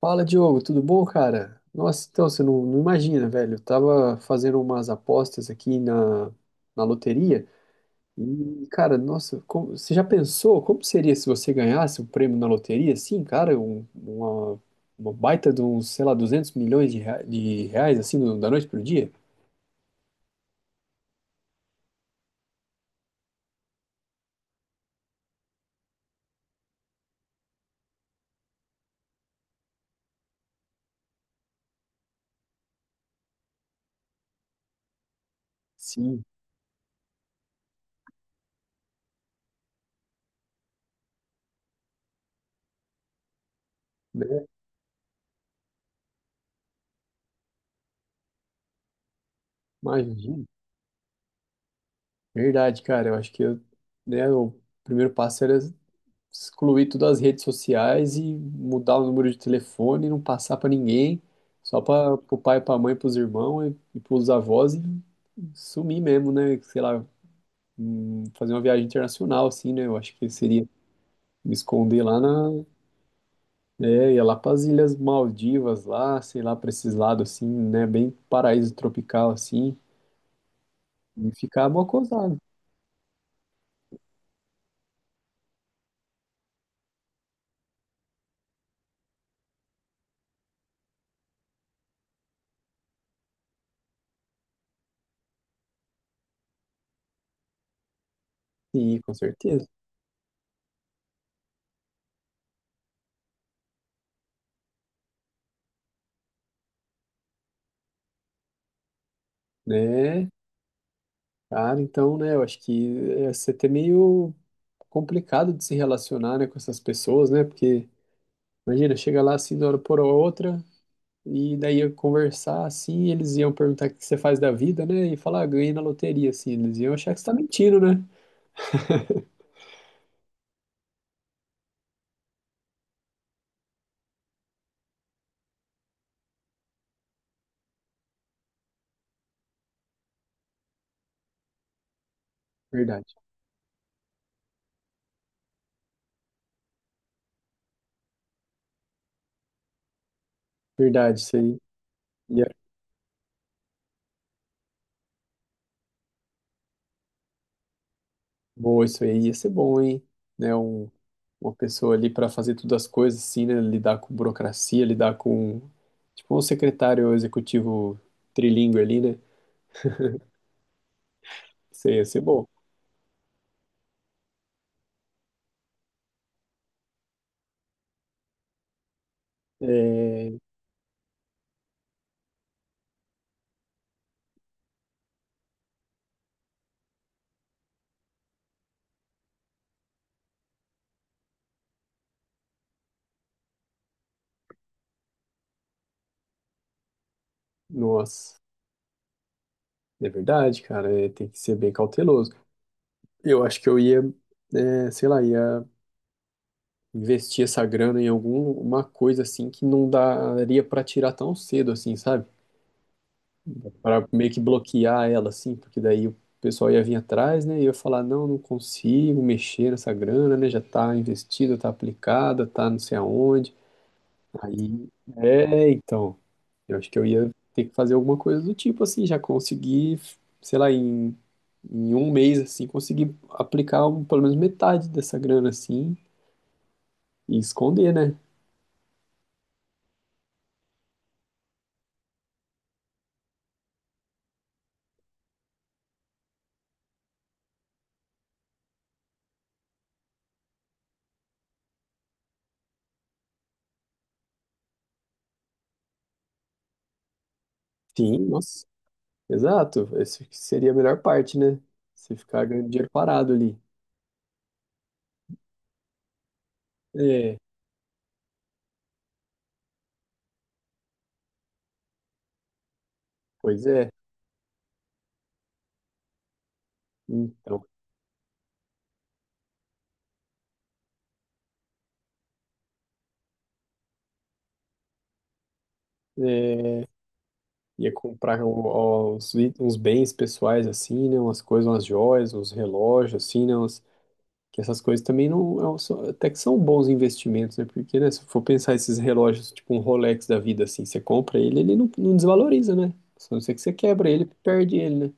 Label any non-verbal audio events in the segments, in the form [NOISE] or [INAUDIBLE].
Fala, Diogo, tudo bom, cara? Nossa, então você não imagina, velho. Eu tava fazendo umas apostas aqui na loteria e, cara, nossa, você já pensou como seria se você ganhasse um prêmio na loteria? Assim, cara, uma baita de uns, sei lá, 200 milhões de reais, assim, da noite pro dia? Sim, né? Imagina. Verdade, cara. Eu acho que eu, né, o primeiro passo era excluir todas as redes sociais e mudar o número de telefone, não passar pra ninguém, só para o pai, pra mãe, pros irmãos e pros avós e sumir mesmo, né? Sei lá, fazer uma viagem internacional, assim, né? Eu acho que seria me esconder lá na. É, ia lá pras Ilhas Maldivas, lá, sei lá, pra esses lados, assim, né? Bem paraíso tropical, assim, e ficar mocosado. Sim, com certeza. Né? Cara, então, né? Eu acho que ia ser até meio complicado de se relacionar, né, com essas pessoas, né? Porque imagina, chega lá assim de uma hora por outra e daí ia conversar assim, e eles iam perguntar o que você faz da vida, né? E falar, ah, ganhei na loteria, assim, eles iam achar que você tá mentindo, né? Verdade. Verdade, isso aí. Ia, boa, isso aí ia ser bom, hein? Né, uma pessoa ali para fazer todas as coisas assim, né? Lidar com burocracia, lidar com tipo um secretário executivo trilingue ali, né? Isso aí ia ser bom. É. Nossa. É verdade, cara, é, tem que ser bem cauteloso. Eu acho que eu ia, é, sei lá, ia investir essa grana em alguma coisa assim que não daria pra tirar tão cedo assim, sabe? Para meio que bloquear ela assim, porque daí o pessoal ia vir atrás, né? E ia falar, não, não consigo mexer nessa grana, né? Já tá investida, tá aplicada, tá não sei aonde. Aí, é, então. Eu acho que eu ia ter que fazer alguma coisa do tipo assim, já conseguir, sei lá, em um mês assim, conseguir aplicar pelo menos metade dessa grana assim e esconder, né? Sim, nossa, exato. Essa que seria a melhor parte, né? Você ficar ganhando dinheiro parado ali. É, pois é. Então, é, ia comprar uns bens pessoais assim, né? Umas coisas, umas joias, uns relógios assim, né? Que essas coisas também não. Até que são bons investimentos, né? Porque, né, se for pensar esses relógios, tipo um Rolex da vida, assim, você compra ele, ele não desvaloriza, né? Só não ser que você quebra ele, perde ele, né?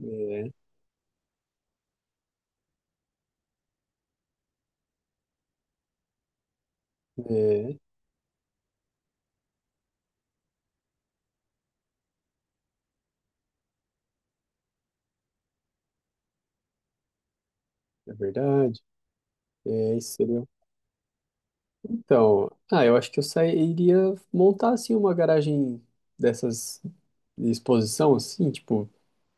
É, é, é verdade. É, isso seria. Um, então, ah, eu acho que eu sairia montar, assim, uma garagem dessas de exposição, assim, tipo,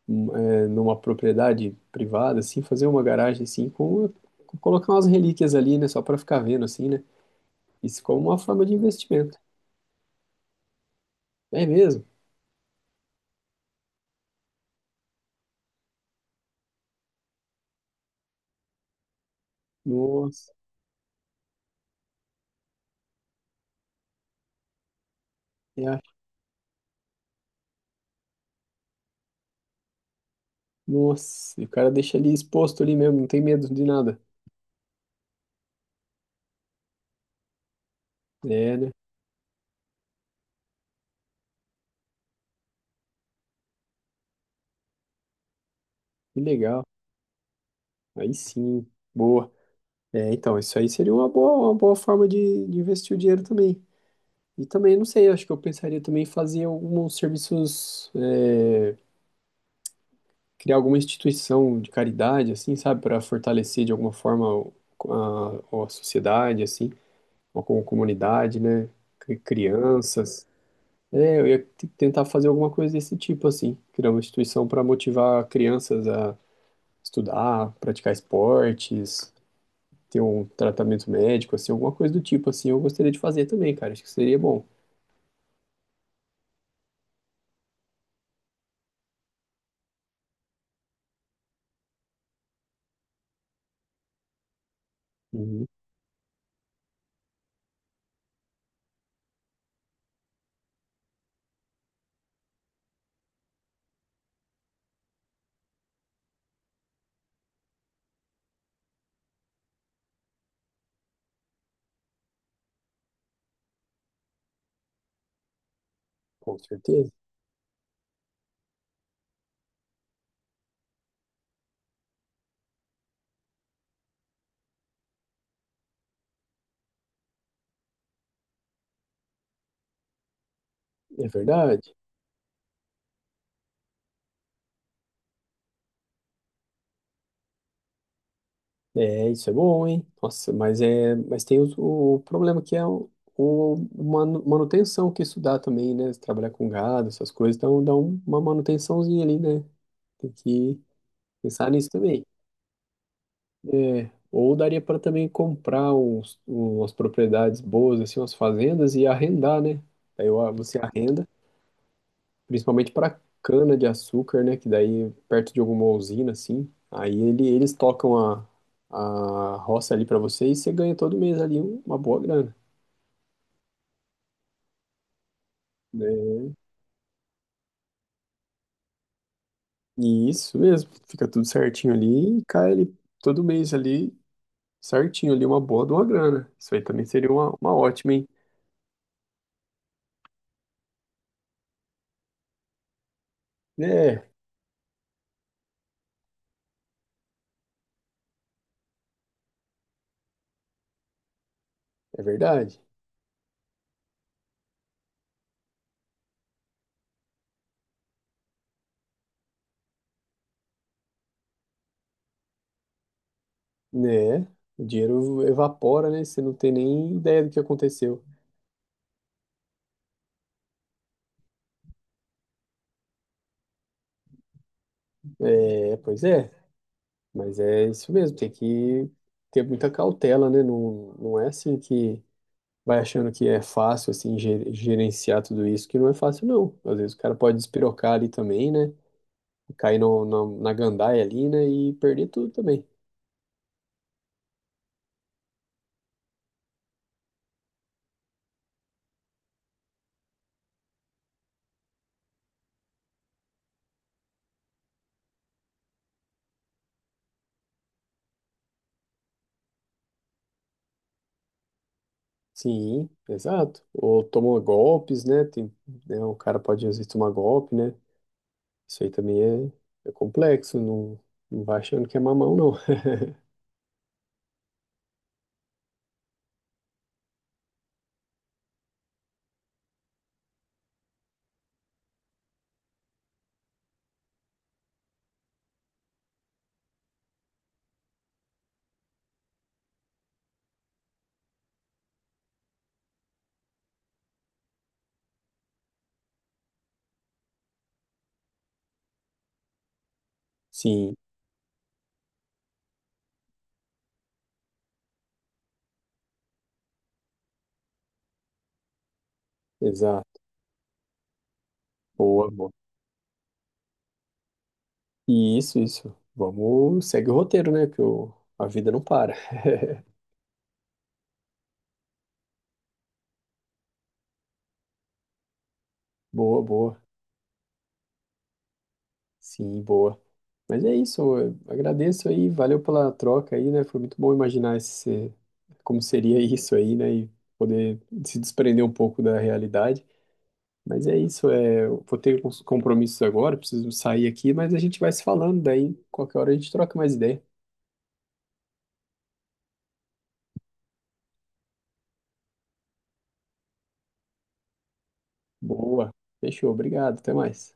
um, é, numa propriedade privada, assim, fazer uma garagem, assim, colocar umas relíquias ali, né? Só pra ficar vendo, assim, né? Isso como uma forma de investimento. É mesmo? Nossa, é a- nossa, e o cara deixa ali exposto ali mesmo, não tem medo de nada. É, né? Que legal. Aí sim, boa. É, então, isso aí seria uma boa forma de investir o dinheiro também. E também, não sei, acho que eu pensaria também em fazer alguns serviços, é, criar alguma instituição de caridade, assim, sabe, para fortalecer de alguma forma a sociedade, assim, ou com a comunidade, né? Crianças. É, eu ia tentar fazer alguma coisa desse tipo, assim, criar uma instituição para motivar crianças a estudar, praticar esportes, ter um tratamento médico, assim, alguma coisa do tipo, assim, eu gostaria de fazer também, cara, acho que seria bom. Uhum, com certeza, é verdade. É, isso é bom, hein? Nossa, mas é, mas tem o problema que é o manutenção que isso dá também, né? Se trabalhar com gado, essas coisas, então dá uma manutençãozinha ali, né? Tem que pensar nisso também. É, ou daria para também comprar umas propriedades boas, assim, umas fazendas e arrendar, né? Daí ó, você arrenda, principalmente para cana de açúcar, né? Que daí perto de alguma usina, assim, aí ele, eles tocam a roça ali para você e você ganha todo mês ali uma boa grana, né? E isso mesmo, fica tudo certinho ali e cai ali todo mês ali, certinho ali, uma boa de uma grana. Isso aí também seria uma ótima, hein? É, é verdade. Né? O dinheiro evapora, né? Você não tem nem ideia do que aconteceu. É, pois é, mas é isso mesmo, tem que ter muita cautela, né? Não, não é assim que vai achando que é fácil, assim, gerenciar tudo isso, que não é fácil, não. Às vezes o cara pode despirocar ali também, né? Cair no, na, na gandaia ali, né? E perder tudo também. Sim, exato. Ou tomou golpes, né? Tem, né? O cara pode, às vezes, tomar golpe, né? Isso aí também é, é complexo, não, não vai achando que é mamão, não. [LAUGHS] Sim, exato. Boa, boa. E isso, isso. Vamos, segue o roteiro, né? A vida não para. [LAUGHS] Boa, boa. Sim, boa. Mas é isso, eu agradeço aí, valeu pela troca aí, né? Foi muito bom imaginar esse, como seria [LAUGHS] isso aí, né? E poder se desprender um pouco da realidade. Mas é isso, é, eu vou ter uns compromissos agora, preciso sair aqui, mas a gente vai se falando, daí qualquer hora a gente troca mais ideia. Boa. Fechou. Obrigado. Até mais.